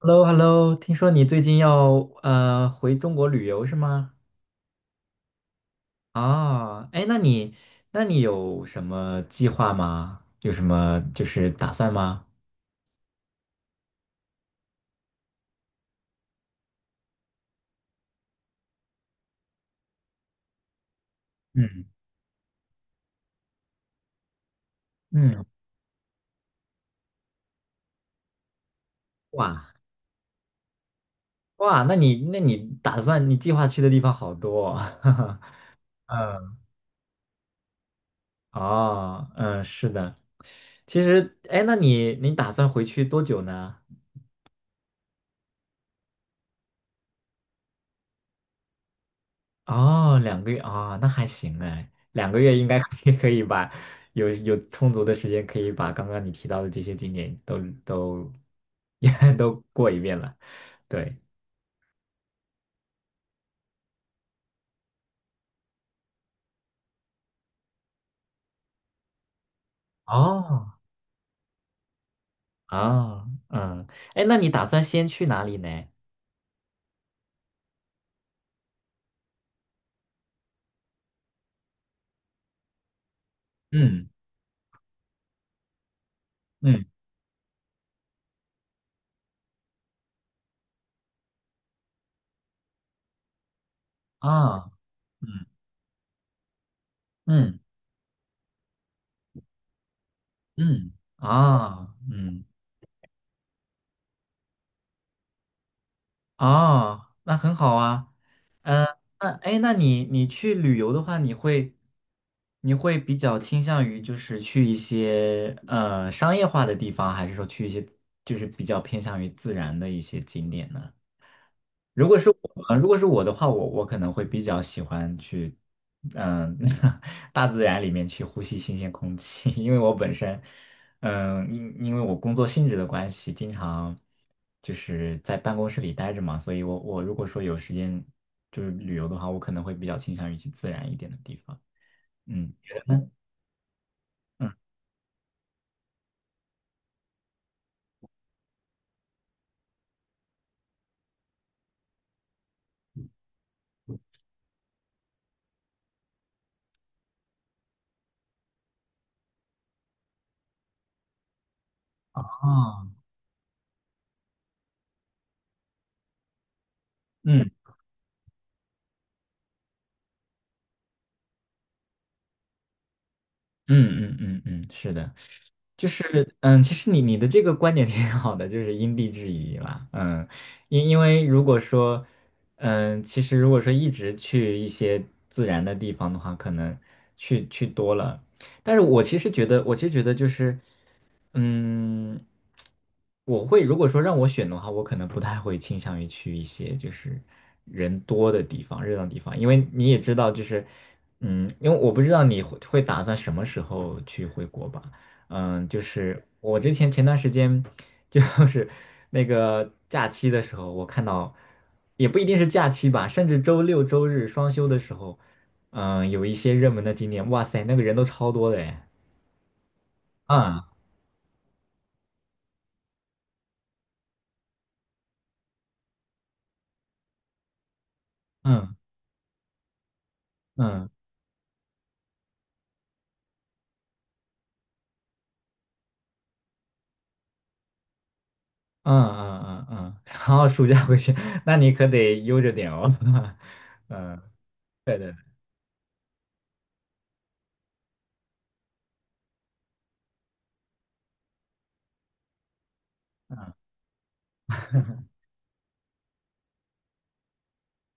h e l l o 听说你最近要回中国旅游是吗？啊，哎，那你有什么计划吗？有什么就是打算吗？嗯嗯，哇哇，那你打算你计划去的地方好多哦，哈哈。嗯，哦，嗯，是的。其实，哎，那你打算回去多久呢？哦，两个月啊，那还行哎，两个月应该 可以把有充足的时间，可以把刚刚你提到的这些景点都 都过一遍了。对，哦，啊，嗯，哎，那你打算先去哪里呢？嗯嗯啊嗯嗯嗯啊嗯啊，那很好啊。那哎，诶那你去旅游的话，你会比较倾向于就是去一些商业化的地方，还是说去一些就是比较偏向于自然的一些景点呢？如果是我的话，我可能会比较喜欢去，嗯、大自然里面去呼吸新鲜空气，因为我本身，因为我工作性质的关系，经常就是在办公室里待着嘛，所以我如果说有时间就是旅游的话，我可能会比较倾向于去自然一点的地方。嗯，你觉得呢？嗯，哦，嗯。嗯嗯嗯嗯，是的，就是其实你的这个观点挺好的，就是因地制宜啦。嗯，因为如果说，嗯，其实如果说一直去一些自然的地方的话，可能去多了。但是我其实觉得就是。嗯，我会如果说让我选的话，我可能不太会倾向于去一些就是人多的地方、热闹地方，因为你也知道，就是因为我不知道你会打算什么时候去回国吧？嗯，就是我之前前段时间就 是那个假期的时候，我看到也不一定是假期吧，甚至周六周日双休的时候，嗯，有一些热门的景点，哇塞，那个人都超多的哎，嗯嗯嗯。嗯嗯嗯嗯，然后暑假回去，那你可得悠着点哦。嗯，对对，对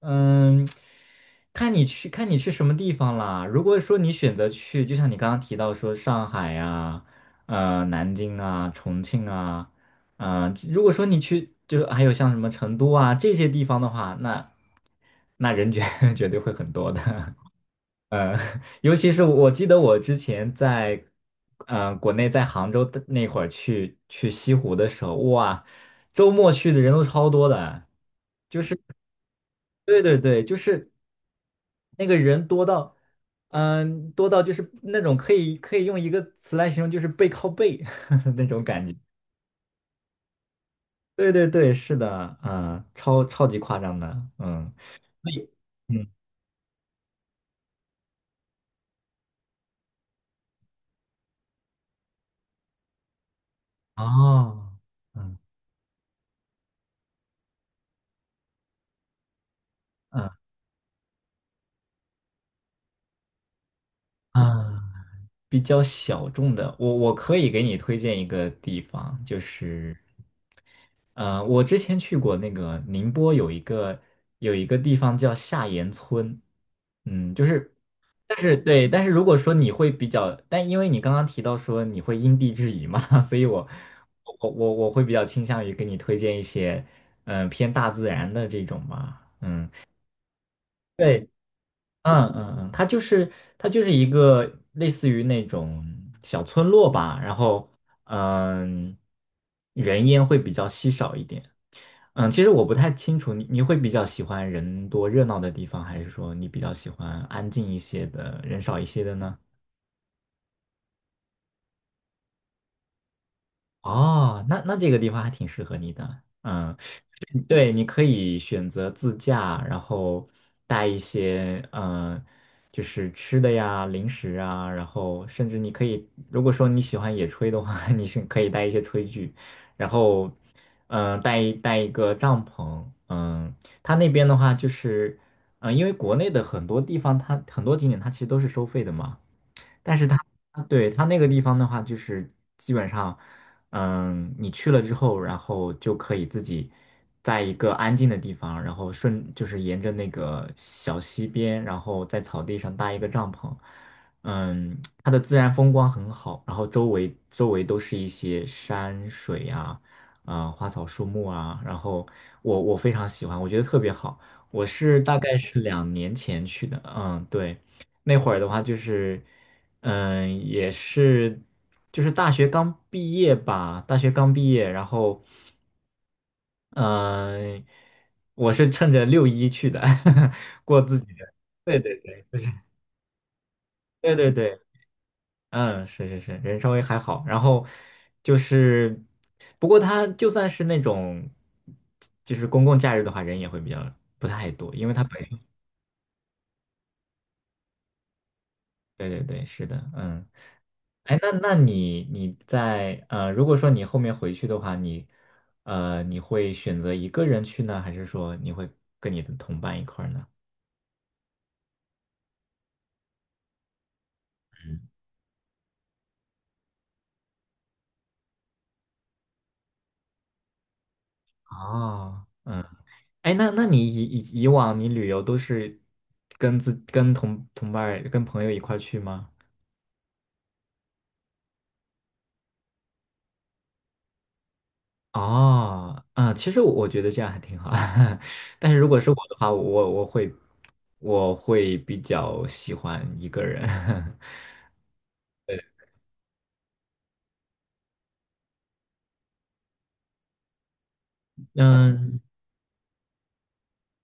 嗯，看你去什么地方啦。如果说你选择去，就像你刚刚提到说上海呀、南京啊、重庆啊，嗯、如果说你去就是还有像什么成都啊这些地方的话，那人绝对会很多的。呃，尤其是我记得我之前在，国内在杭州的那会儿去西湖的时候，哇，周末去的人都超多的，就是对对对，就是那个人多到，多到就是那种可以用一个词来形容，就是背靠背 那种感觉。对对对，是的，嗯、超级夸张的，嗯，所以，嗯，哦，嗯嗯啊。比较小众的，我可以给你推荐一个地方，就是，我之前去过那个宁波有一个地方叫下岩村，嗯，就是，但是对，但是如果说你会比较，但因为你刚刚提到说你会因地制宜嘛，所以我会比较倾向于给你推荐一些，偏大自然的这种吧，嗯。对。嗯嗯嗯，它就是一个类似于那种小村落吧，然后嗯，人烟会比较稀少一点。嗯，其实我不太清楚你会比较喜欢人多热闹的地方，还是说你比较喜欢安静一些的，人少一些的呢？哦，那这个地方还挺适合你的。嗯，对，你可以选择自驾，然后带一些就是吃的呀、零食啊，然后甚至你可以，如果说你喜欢野炊的话，你是可以带一些炊具，然后带一个帐篷，嗯、它那边的话就是，因为国内的很多地方它很多景点它其实都是收费的嘛。但是啊对它那个地方的话，就是基本上，你去了之后，然后就可以自己在一个安静的地方，然后就是沿着那个小溪边，然后在草地上搭一个帐篷，嗯，它的自然风光很好，然后周围都是一些山水呀、啊，花草树木啊，然后我非常喜欢，我觉得特别好。我是大概是2年前去的，嗯，对，那会儿的话就是。嗯，也是，就是大学刚毕业，然后，嗯，我是趁着六一去的，过自己的，对对对，就是对对对，嗯，是是是，人稍微还好，然后就是，不过他就算是那种，就是公共假日的话，人也会比较不太多，因为对对对，是的，嗯，哎，那那你在如果说你后面回去的话，你你会选择一个人去呢，还是说你会跟你的同伴一块儿呢？嗯，哦，嗯，哎，那你以往你旅游都是跟自跟同同伴儿跟朋友一块儿去吗？哦，啊，其实我觉得这样还挺好，但是如果是我的话，我会比较喜欢一个人。嗯，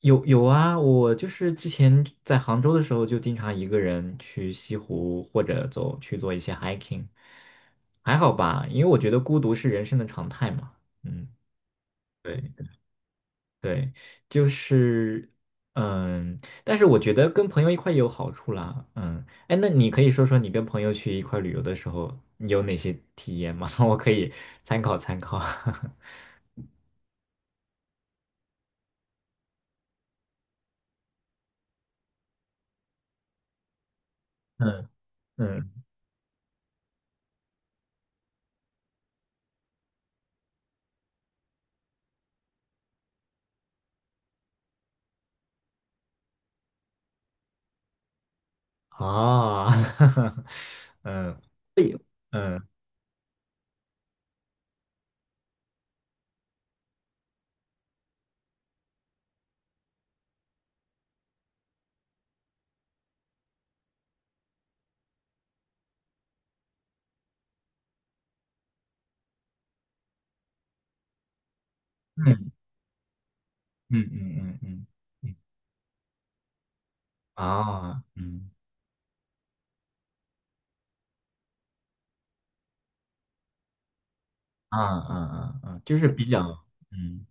有有啊，我就是之前在杭州的时候，就经常一个人去西湖或者走去做一些 hiking，还好吧，因为我觉得孤独是人生的常态嘛。嗯，对对，就是嗯，但是我觉得跟朋友一块也有好处啦。嗯，哎，那你可以说说你跟朋友去一块旅游的时候，你有哪些体验吗？我可以参考参考。嗯嗯。啊，嗯对，嗯嗯嗯嗯嗯嗯嗯啊，嗯啊啊啊啊，就是比较，嗯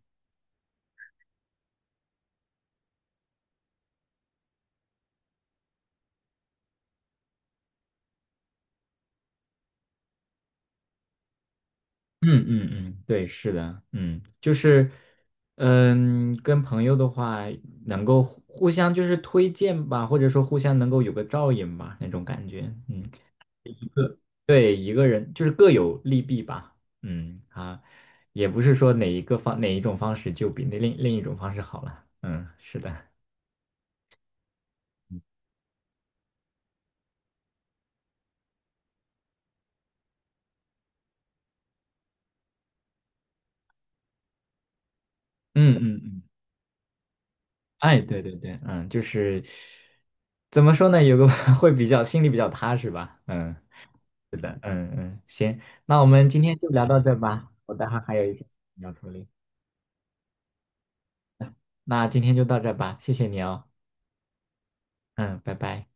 嗯嗯嗯，对，是的，嗯，就是，嗯，跟朋友的话，能够互相就是推荐吧，或者说互相能够有个照应吧，那种感觉，嗯，对，一个人就是各有利弊吧，嗯啊，也不是说哪一种方式就比那另一种方式好了，嗯，是的。嗯嗯嗯，哎，对对对，嗯，就是怎么说呢，有个 会比较心里比较踏实吧，嗯，是的，嗯嗯，行，那我们今天就聊到这吧，我待会儿还有一些事情要处理，那今天就到这吧，谢谢你哦，嗯，拜拜。